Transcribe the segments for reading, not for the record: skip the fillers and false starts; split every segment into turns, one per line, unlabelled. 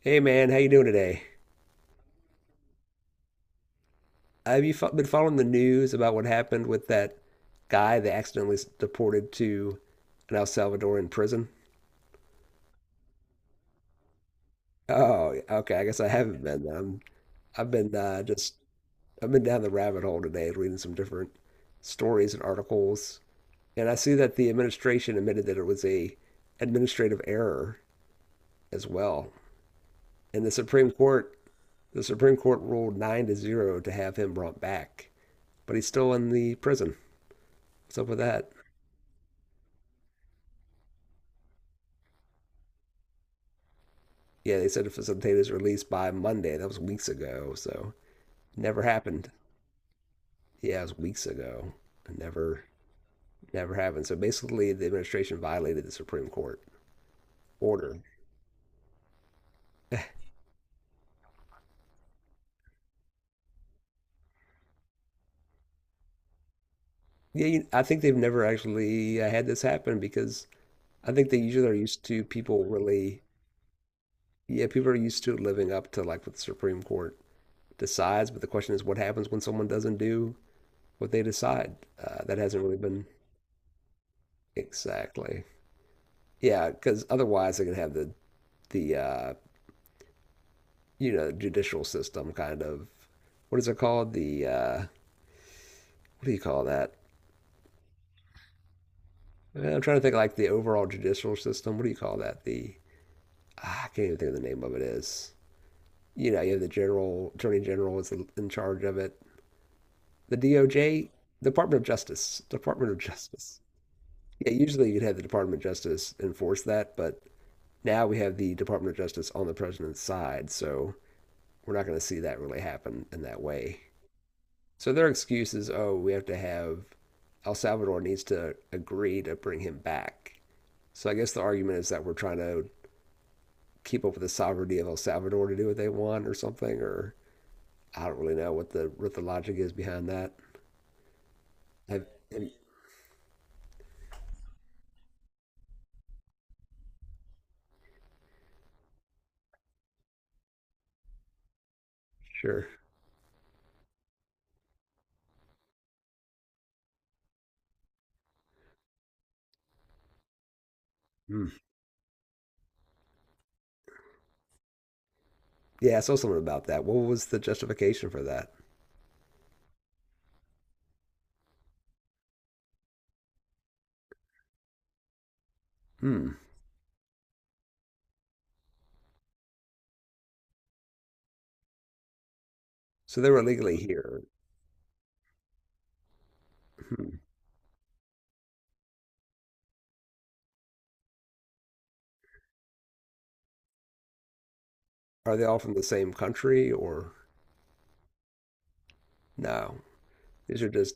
Hey man, how you doing today? Have you been following the news about what happened with that guy they accidentally deported to an El Salvadoran prison? Oh, okay. I guess I haven't been then. I've been just, I've been down the rabbit hole today, reading some different stories and articles, and I see that the administration admitted that it was a administrative error as well. And the Supreme Court ruled 9-0 to have him brought back, but he's still in the prison. What's up with that? Yeah, they said to facilitate his release by Monday. That was weeks ago, so never happened. Yeah, it was weeks ago. Never, never happened. So basically, the administration violated the Supreme Court order. Yeah, I think they've never actually had this happen because I think they usually are used to people really, yeah, people are used to living up to like what the Supreme Court decides. But the question is, what happens when someone doesn't do what they decide? That hasn't really been exactly. Yeah, because otherwise they're gonna have the you know, judicial system kind of, what is it called? The what do you call that? I'm trying to think like the overall judicial system. What do you call that? The ah, I can't even think of the name of it is. You know, you have the general attorney general is in charge of it. The DOJ, Department of Justice, Department of Justice. Yeah, usually you'd have the Department of Justice enforce that, but now we have the Department of Justice on the president's side, so we're not going to see that really happen in that way. So their excuse is, oh, we have to have El Salvador needs to agree to bring him back. So I guess the argument is that we're trying to keep up with the sovereignty of El Salvador to do what they want or something, or I don't really know what the logic is behind that. Have, have- sure. Hmm. Yeah, I saw something about that. What was the justification for that? Hmm. So they were illegally here. Hmm. Are they all from the same country or no? These are just,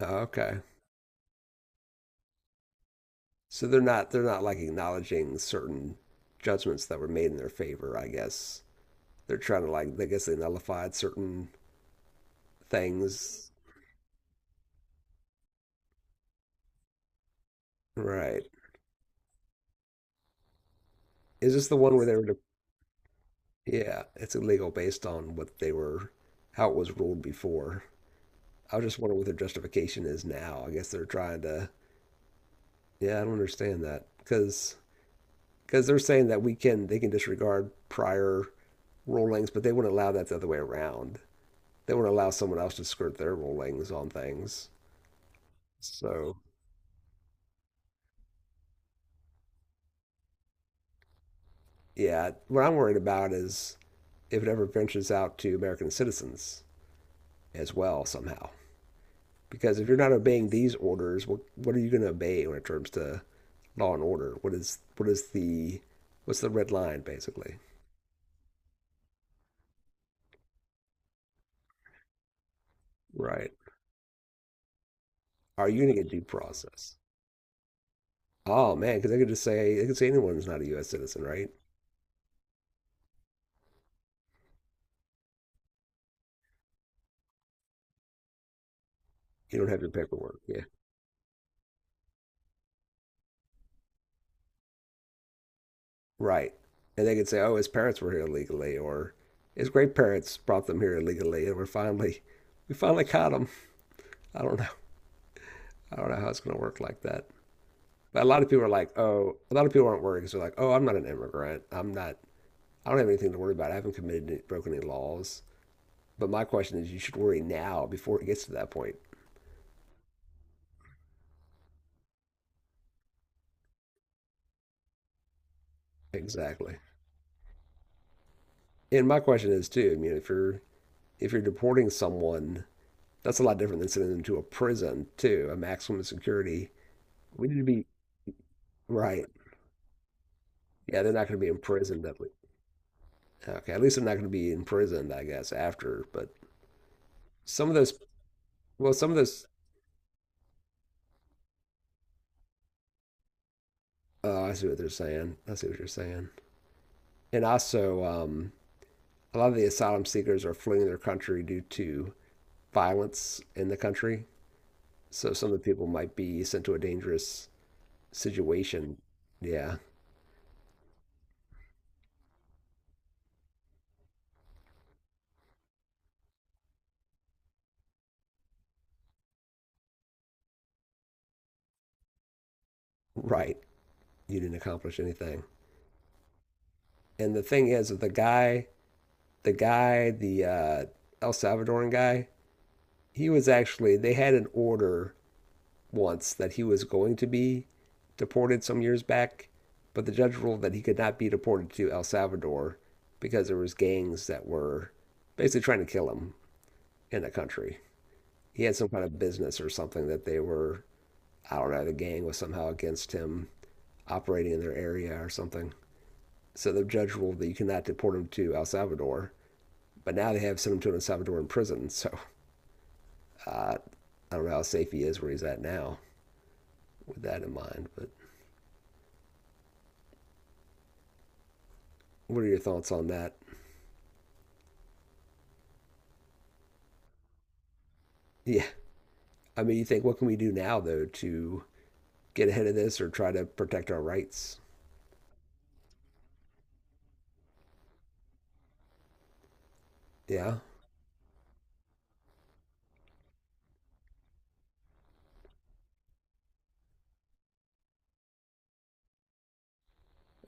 oh, okay. So they're not, they're not like acknowledging certain judgments that were made in their favor. I guess they're trying to, like, I guess they nullified certain things. Right? Is this the one where they were to, yeah, it's illegal based on what they were, how it was ruled before. I was just wondering what their justification is now. I guess they're trying to. Yeah, I don't understand that because they're saying that we can they can disregard prior rulings, but they wouldn't allow that the other way around. They wouldn't allow someone else to skirt their rulings on things. So, yeah, what I'm worried about is if it ever ventures out to American citizens as well somehow. Because if you're not obeying these orders, what are you going to obey when it comes to law and order? What's the red line basically? Right. Are you going to get due process? Oh man, because they could say anyone's not a U.S. citizen, right? You don't have your paperwork. Yeah. Right. And they could say, oh, his parents were here illegally, or his great parents brought them here illegally, and we finally caught him. I don't know. I don't know how it's going to work like that. But a lot of people are like, oh, a lot of people aren't worried because they're like, oh, I'm not an immigrant. I don't have anything to worry about. I haven't committed any, broken any laws. But my question is, you should worry now before it gets to that point. Exactly. And my question is too. I mean, if you're deporting someone, that's a lot different than sending them to a prison too, a maximum security. We need to be right. Yeah, they're not going to be imprisoned at least. Okay, at least they're not going to be imprisoned, I guess, after. But some of those, some of those, oh, I see what they're saying. I see what you're saying. And also, a lot of the asylum seekers are fleeing their country due to violence in the country. So some of the people might be sent to a dangerous situation. Yeah, right. You didn't accomplish anything. And the thing is, the El Salvadoran guy, he was actually, they had an order once that he was going to be deported some years back, but the judge ruled that he could not be deported to El Salvador because there was gangs that were basically trying to kill him in the country. He had some kind of business or something that they were, I don't know, the gang was somehow against him operating in their area or something. So the judge ruled that you cannot deport him to El Salvador. But now they have sent him to El Salvador in prison. So uh, I don't know how safe he is where he's at now with that in mind. But what are your thoughts on that? Yeah, I mean, you think, what can we do now, though, to get ahead of this or try to protect our rights? Yeah.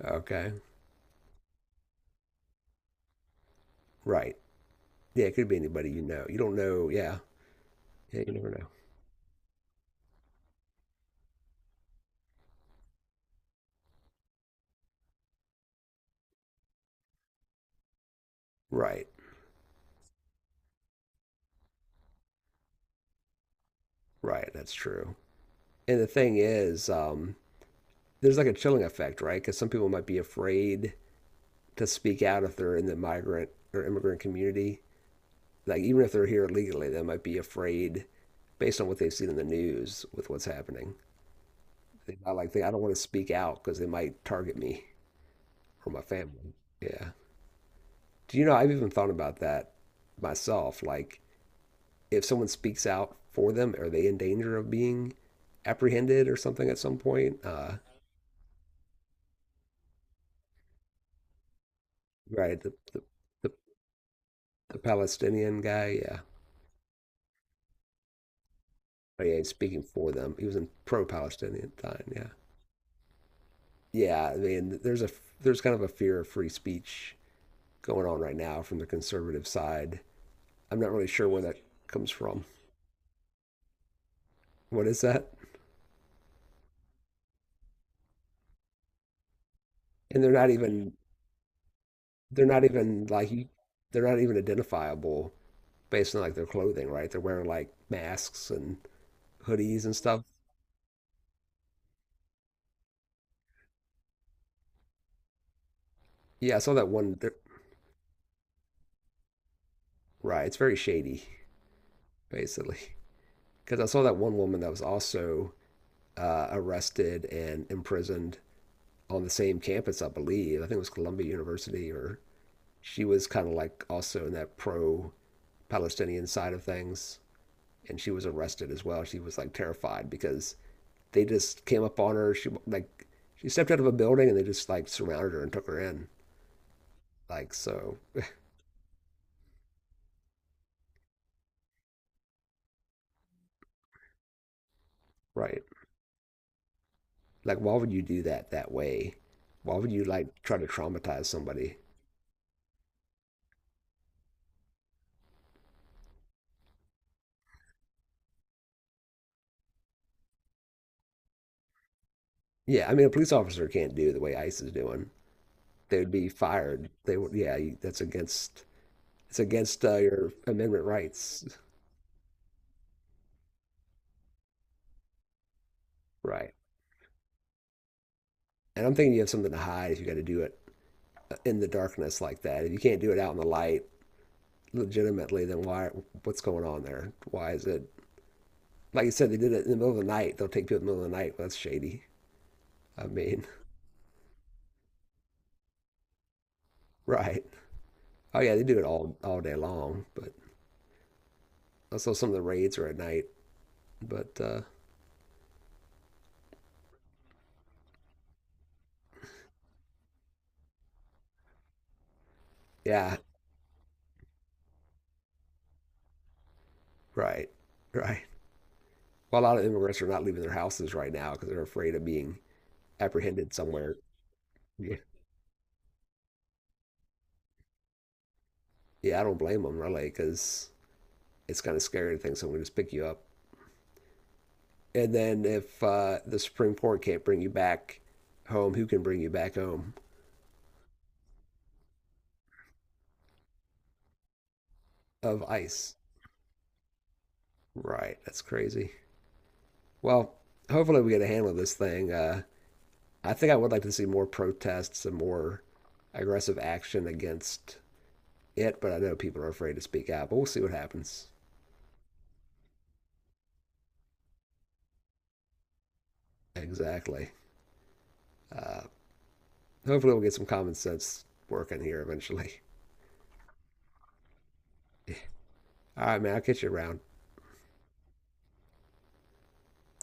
Okay. Right. Yeah, it could be anybody you know. You don't know. Yeah. Yeah, you never know. Right. Right. That's true. And the thing is, there's like a chilling effect, right? Because some people might be afraid to speak out if they're in the migrant or immigrant community. Like, even if they're here legally, they might be afraid based on what they've seen in the news with what's happening. They might like think, I don't want to speak out because they might target me or my family. Yeah. Do you know, I've even thought about that myself. Like, if someone speaks out for them, are they in danger of being apprehended or something at some point? Right. The, the Palestinian guy. Yeah. Oh, yeah. He's speaking for them. He was in pro-Palestinian time. Yeah. Yeah. I mean, there's kind of a fear of free speech going on right now from the conservative side. I'm not really sure where that comes from. What is that? And they're not even like they're not even identifiable based on like their clothing, right? They're wearing like masks and hoodies and stuff. Yeah, I saw that one. Right, it's very shady, basically. Because I saw that one woman that was also arrested and imprisoned on the same campus, I believe. I think it was Columbia University, or she was kind of like also in that pro-Palestinian side of things, and she was arrested as well. She was like terrified because they just came up on her. She stepped out of a building and they just like surrounded her and took her in. Like so, right? Like why would you do that way? Why would you like try to traumatize somebody? Yeah, I mean a police officer can't do the way ICE is doing. They would be fired. They would yeah, that's against, it's against your amendment rights. Right. And I'm thinking you have something to hide if you got to do it in the darkness like that. If you can't do it out in the light legitimately, then why, what's going on there? Why is it, like you said, they did it in the middle of the night. They'll take people in the middle of the night. Well, that's shady. I mean, right. Oh, yeah, they do it all day long. But also some of the raids are at night. But yeah, right, right. Well, a lot of immigrants are not leaving their houses right now because they're afraid of being apprehended somewhere. Yeah, yeah, I don't blame them really because it's kind of scary to think someone just pick you up. And then if the Supreme Court can't bring you back home, who can bring you back home? Of ICE. Right, that's crazy. Well, hopefully we get a handle on this thing. I think I would like to see more protests and more aggressive action against it, but I know people are afraid to speak out. But we'll see what happens. Exactly. Hopefully we'll get some common sense working here eventually. All right, man. I'll catch you around.